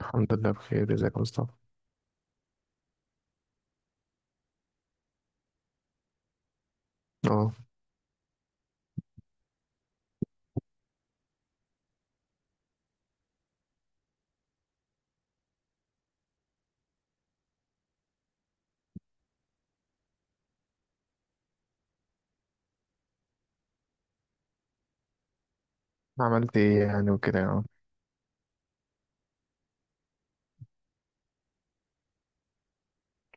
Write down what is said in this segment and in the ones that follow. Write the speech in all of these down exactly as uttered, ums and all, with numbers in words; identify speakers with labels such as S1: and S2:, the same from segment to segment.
S1: الحمد لله بخير. ازيك يا مصطفى؟ اه عملت ايه يعني وكده. اه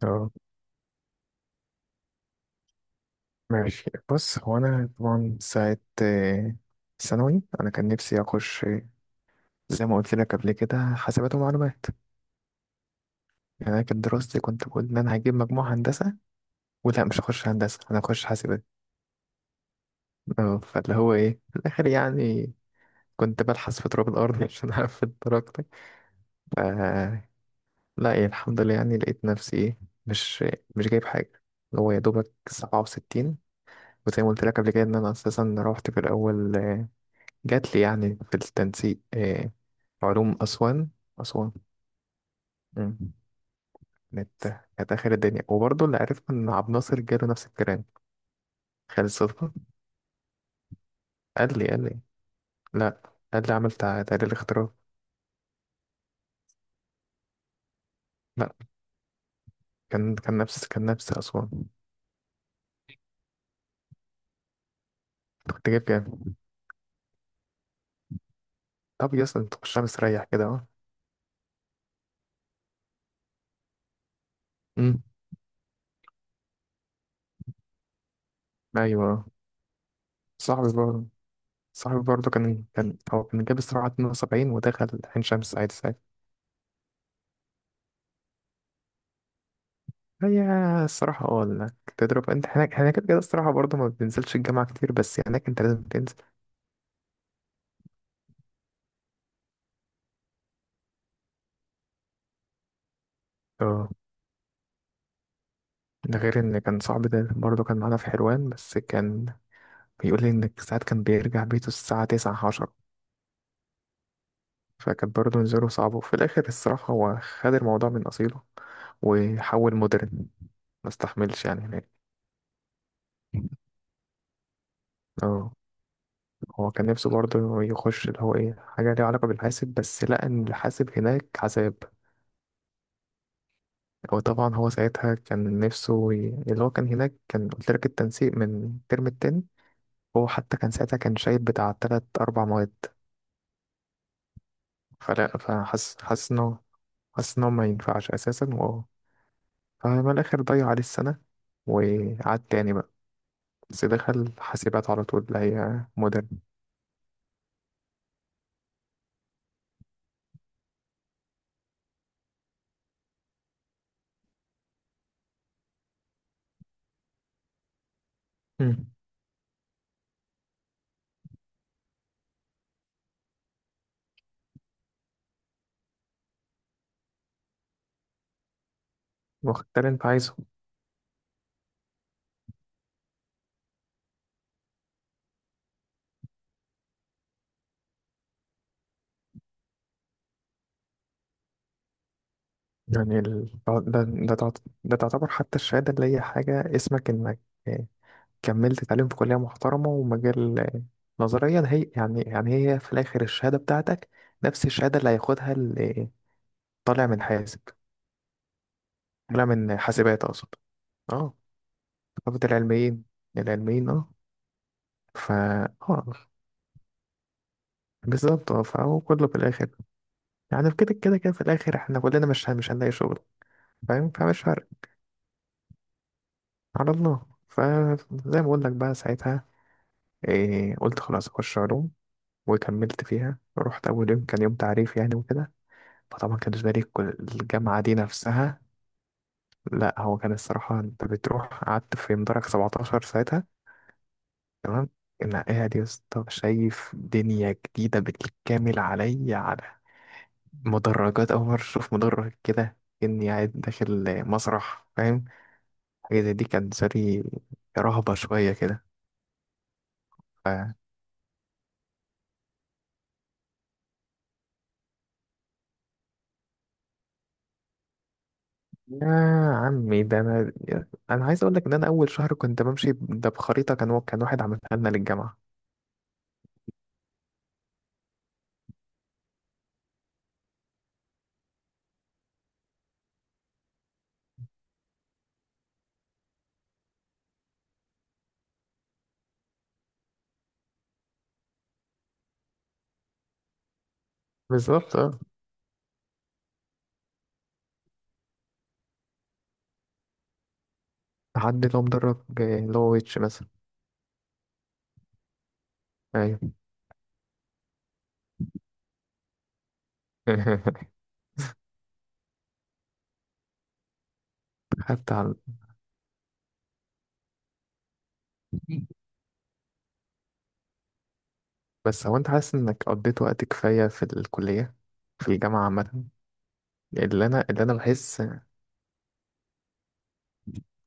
S1: اه ماشي، بص، هو انا طبعا ساعة آه، ثانوي انا كان نفسي اخش آه، زي ما قلت لك قبل كده، حاسبات ومعلومات. يعني انا كانت دراستي، كنت بقول ان انا هجيب مجموع هندسة ولا مش هخش هندسة، انا هخش حاسبات. اه، فاللي هو ايه في الاخر يعني كنت بلحس في تراب الارض عشان اقفل درجتي. ف لا إيه، الحمد لله، يعني لقيت نفسي ايه، مش مش جايب حاجة، اللي هو يا دوبك سبعة وستين. وزي ما قلت لك قبل كده ان انا اساسا روحت في الاول آه، جات لي يعني في التنسيق آه، علوم اسوان. اسوان. مم. كانت كانت اخر الدنيا. وبرضه اللي عرفت ان عبد الناصر جاله نفس الكلام، خالد صدفه. قال لي قال لي لا، قال لي عمل تع- تقرير اختراع. لا، كان كان نفس كان نفس اسوان. أنت كنت جايب كام؟ طب يا اسطى انت خشها مستريح كده، اه. امم. ايوه. صاحبي برضه، صاحبي برضه كان كان هو كان جاب الصراحه اثنين وسبعين ودخل عين شمس عادي. هي الصراحة اه انك تضرب انت هناك، هناك كده كده الصراحة برضه ما بتنزلش الجامعة كتير، بس هناك انت لازم تنزل. اه، ده غير ان كان صاحبي ده برضه كان معانا في حلوان، بس كان بيقول لي ان ساعات كان بيرجع بيته الساعة تسعة، عشرة. فكانت برضه نزوله صعبة، وفي الآخر الصراحة هو خد الموضوع من أصيله وحول مودرن، ما استحملش يعني هناك. اه، هو كان نفسه برضه يخش اللي هو ايه حاجة ليها علاقة بالحاسب، بس لقى ان الحاسب هناك عذاب. هو طبعا هو ساعتها كان نفسه ي... اللي هو كان هناك، كان قلت لك التنسيق من الترم التاني. هو حتى كان ساعتها كان شايل بتاع تلات أربع مواد. فلا فحس حس إنه، حس إنه ما ينفعش أساسا و... فما الآخر ضيع عليه السنة وقعد تاني بقى. بس دخل حاسبات على طول اللي هي مودرن. مم. واخد اللي أنت عايزه. يعني ال... ده ده ده تعت- ده تعتبر حتى الشهادة اللي هي حاجة، اسمك إنك كملت تعليم في كلية محترمة ومجال. نظريا هي يعني يعني هي في الآخر الشهادة بتاعتك نفس الشهادة اللي هياخدها اللي طالع من حاسب، طالع من حاسبات أقصد. اه، ثقافة العلميين. العلميين، اه. فا اه بالظبط اه، فهو كله في الآخر يعني في كده كده كده في الآخر احنا كلنا مش مش هنلاقي شغل، فاهم، فمش فارق. على الله. فزي ما بقول لك بقى ساعتها إيه، قلت خلاص أخش علوم. وكملت فيها، رحت أول يوم كان يوم تعريف يعني وكده. فطبعا كان بالنسبة لي كل- الجامعة دي نفسها. لا، هو كان الصراحة انت بتروح قعدت في مدرج سبعة عشر ساعتها. تمام. انا قاعد يا اسطى شايف دنيا جديدة بالكامل عليا، على مدرجات، أول مرة أشوف مدرج كده، إني قاعد داخل مسرح، فاهم، حاجة زي دي كانت بالنسبة لي رهبة شوية كده. ف... يا عمي ده أنا، أنا عايز أقول لك إن أنا أول شهر كنت بمشي ده بخريطة، كان كان واحد عملها لنا للجامعة. بالظبط. تحدي اللي هو مدرب آه، اللي هو ويتش مثلا. ايوه. خدت على. بس هو انت حاسس انك قضيت وقت كفاية في الكلية، في الجامعة عامة، اللي انا اللي انا بحس.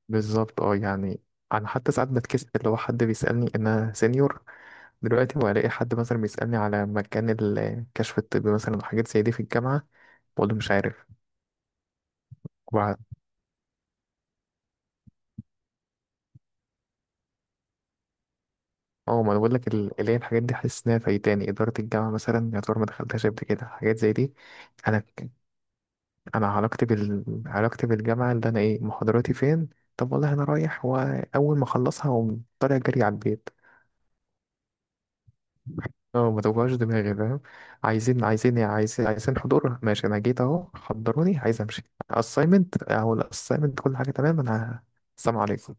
S1: بالظبط اه، يعني انا حتى ساعات بتكسف اللي هو حد بيسألني، انا سينيور دلوقتي، والاقي حد مثلا بيسألني على مكان الكشف الطبي مثلا وحاجات زي دي في الجامعة، بقول له مش عارف. وبعد اه، ما انا بقول لك ال- اللي هي الحاجات دي حاسس انها فايتاني، اداره الجامعه مثلا يا ترى ما دخلتهاش قبل كده حاجات زي دي. انا انا علاقتي بال علاقتي بالجامعه اللي انا ايه محاضراتي فين، طب والله انا رايح واول ما اخلصها اقوم طالع جري على البيت. اه، ما توجعش دماغي، فاهم. عايزين عايزين عايزين عايزين حضور، ماشي، انا جيت اهو، حضروني، عايز امشي. اساينمنت او الاساينمنت كل حاجه تمام انا. السلام عليكم.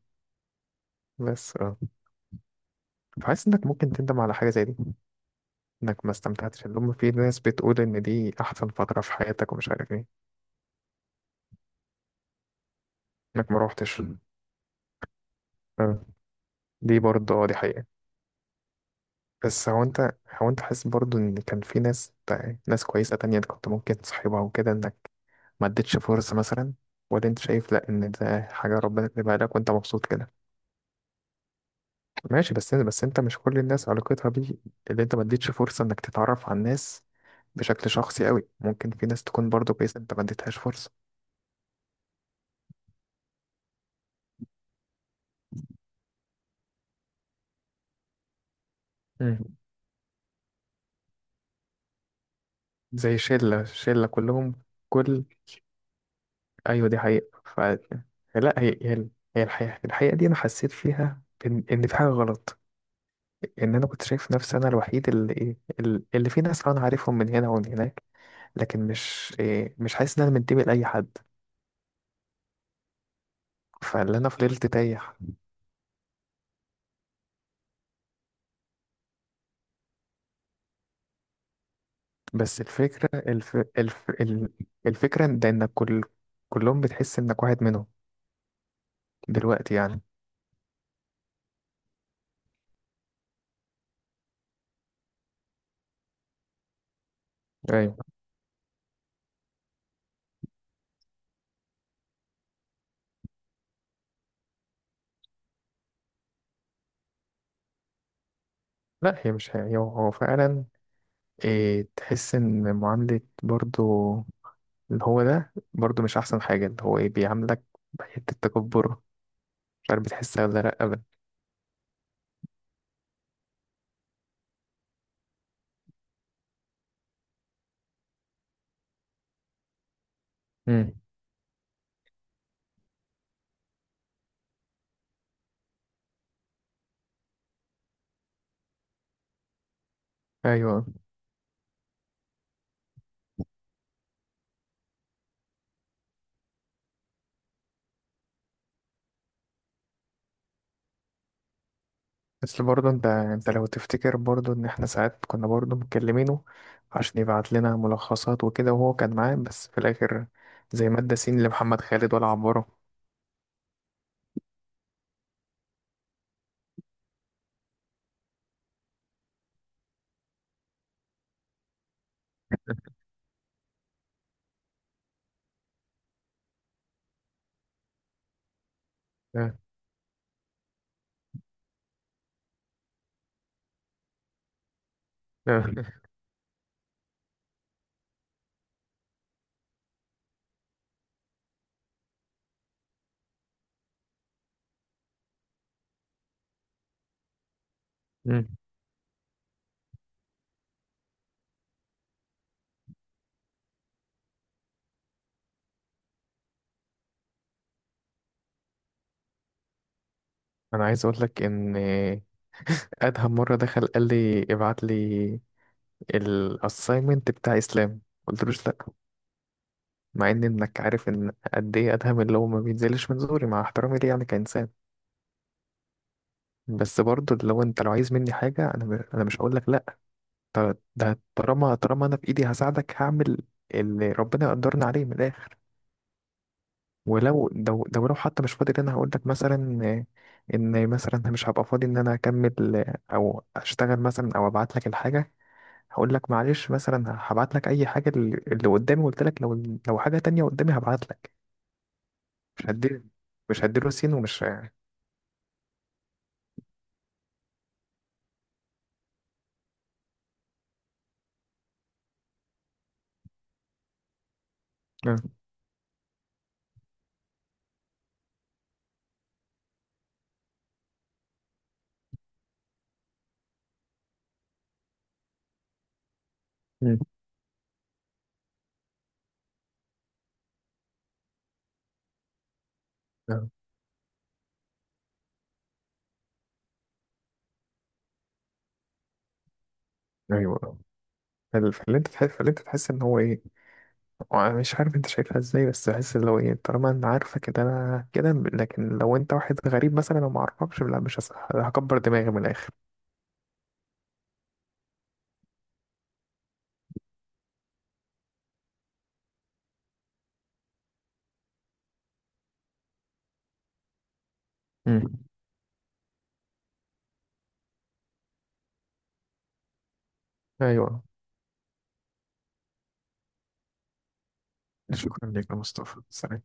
S1: بس اه، فحاسس انك ممكن تندم على حاجه زي دي، انك ما استمتعتش، اللي هم في ناس بتقول ان دي احسن فتره في حياتك ومش عارف ايه، انك ما روحتش. اه. دي برضه اه، دي حقيقه. بس هو انت هو انت حاسس برضو ان كان في ناس، ناس كويسة تانية انت كنت ممكن تصاحبها وكده، انك ما اديتش فرصة مثلا، ولا انت شايف لا ان ده حاجة ربنا كاتبها لك وانت مبسوط كده. ماشي، بس بس انت مش كل الناس علاقتها بيه، اللي انت ما اديتش فرصة انك تتعرف على الناس بشكل شخصي قوي، ممكن في ناس تكون برضو كويسة انت ما اديتهاش فرصة. مم. زي شلة، شلة كلهم. كل ايوه دي حقيقة. ف... لا هي هي هي الحقيقة، الحقيقة دي انا حسيت فيها ان ان في حاجة غلط، ان انا كنت شايف نفسي انا الوحيد اللي ايه ال- اللي في ناس انا عارفهم من هنا ومن هناك، لكن مش إيه، مش حاسس ان انا منتمي لاي حد. فاللي انا فضلت تايه. بس الفكره الف... الف... ال- الفكره إن ده انك كل كلهم بتحس انك واحد منهم دلوقتي يعني. ايوه. لا هي مش هي هو هو فعلا إيه، تحس ان معامله برضو اللي هو ده برضو مش احسن حاجه، اللي هو ايه بيعاملك بحته تكبر، مش عارف بتحسها ولا لا ابدا. امم. ايوه. بس برضه انت، انت لو تفتكر برضه ان احنا ساعات كنا برضه مكلمينه عشان يبعت لنا ملخصات وكده وهو كان معاه، بس في الاخر زي مادة سين لمحمد خالد ولا عبره. اه، اه. مم. انا عايز اقول لك ان ادهم مرة دخل قال لي ابعت لي الاساينمنت بتاع اسلام، قلت له لا، مع ان انك عارف ان قد ايه ادهم اللي هو ما بينزلش من زوري مع احترامي ليه يعني كانسان. بس برضه لو انت لو عايز مني حاجة انا انا مش هقول لك لا. ط- ده طالما، طالما انا في ايدي هساعدك، هعمل اللي ربنا يقدرني عليه من الاخر. ولو لو لو لو حتى مش فاضي انا هقول لك مثلا آه، ان مثلا مش هبقى فاضي ان انا اكمل آه، او اشتغل مثلا او ابعت لك الحاجه، هقول لك معلش مثلا، هبعت لك اي حاجه، اللي اللي قدامي، قلت لك لو، لو حاجه تانية قدامي هبعت لك. مش هديله مش هديله سين ومش آه، آه، آه، ايوه. فال- فاللي انت تحس فاللي انت تحس ان هو ايه، وانا مش عارف انت شايفها ازاي، بس بحس اللي هو ايه، طالما انا عارفه كده انا كده، لكن لو انت واحد غريب مثلا وما اعرفكش، لا مش هس- هكبر دماغي من الاخر. مم. ايوه. شكرا لك يا مصطفى، سلام.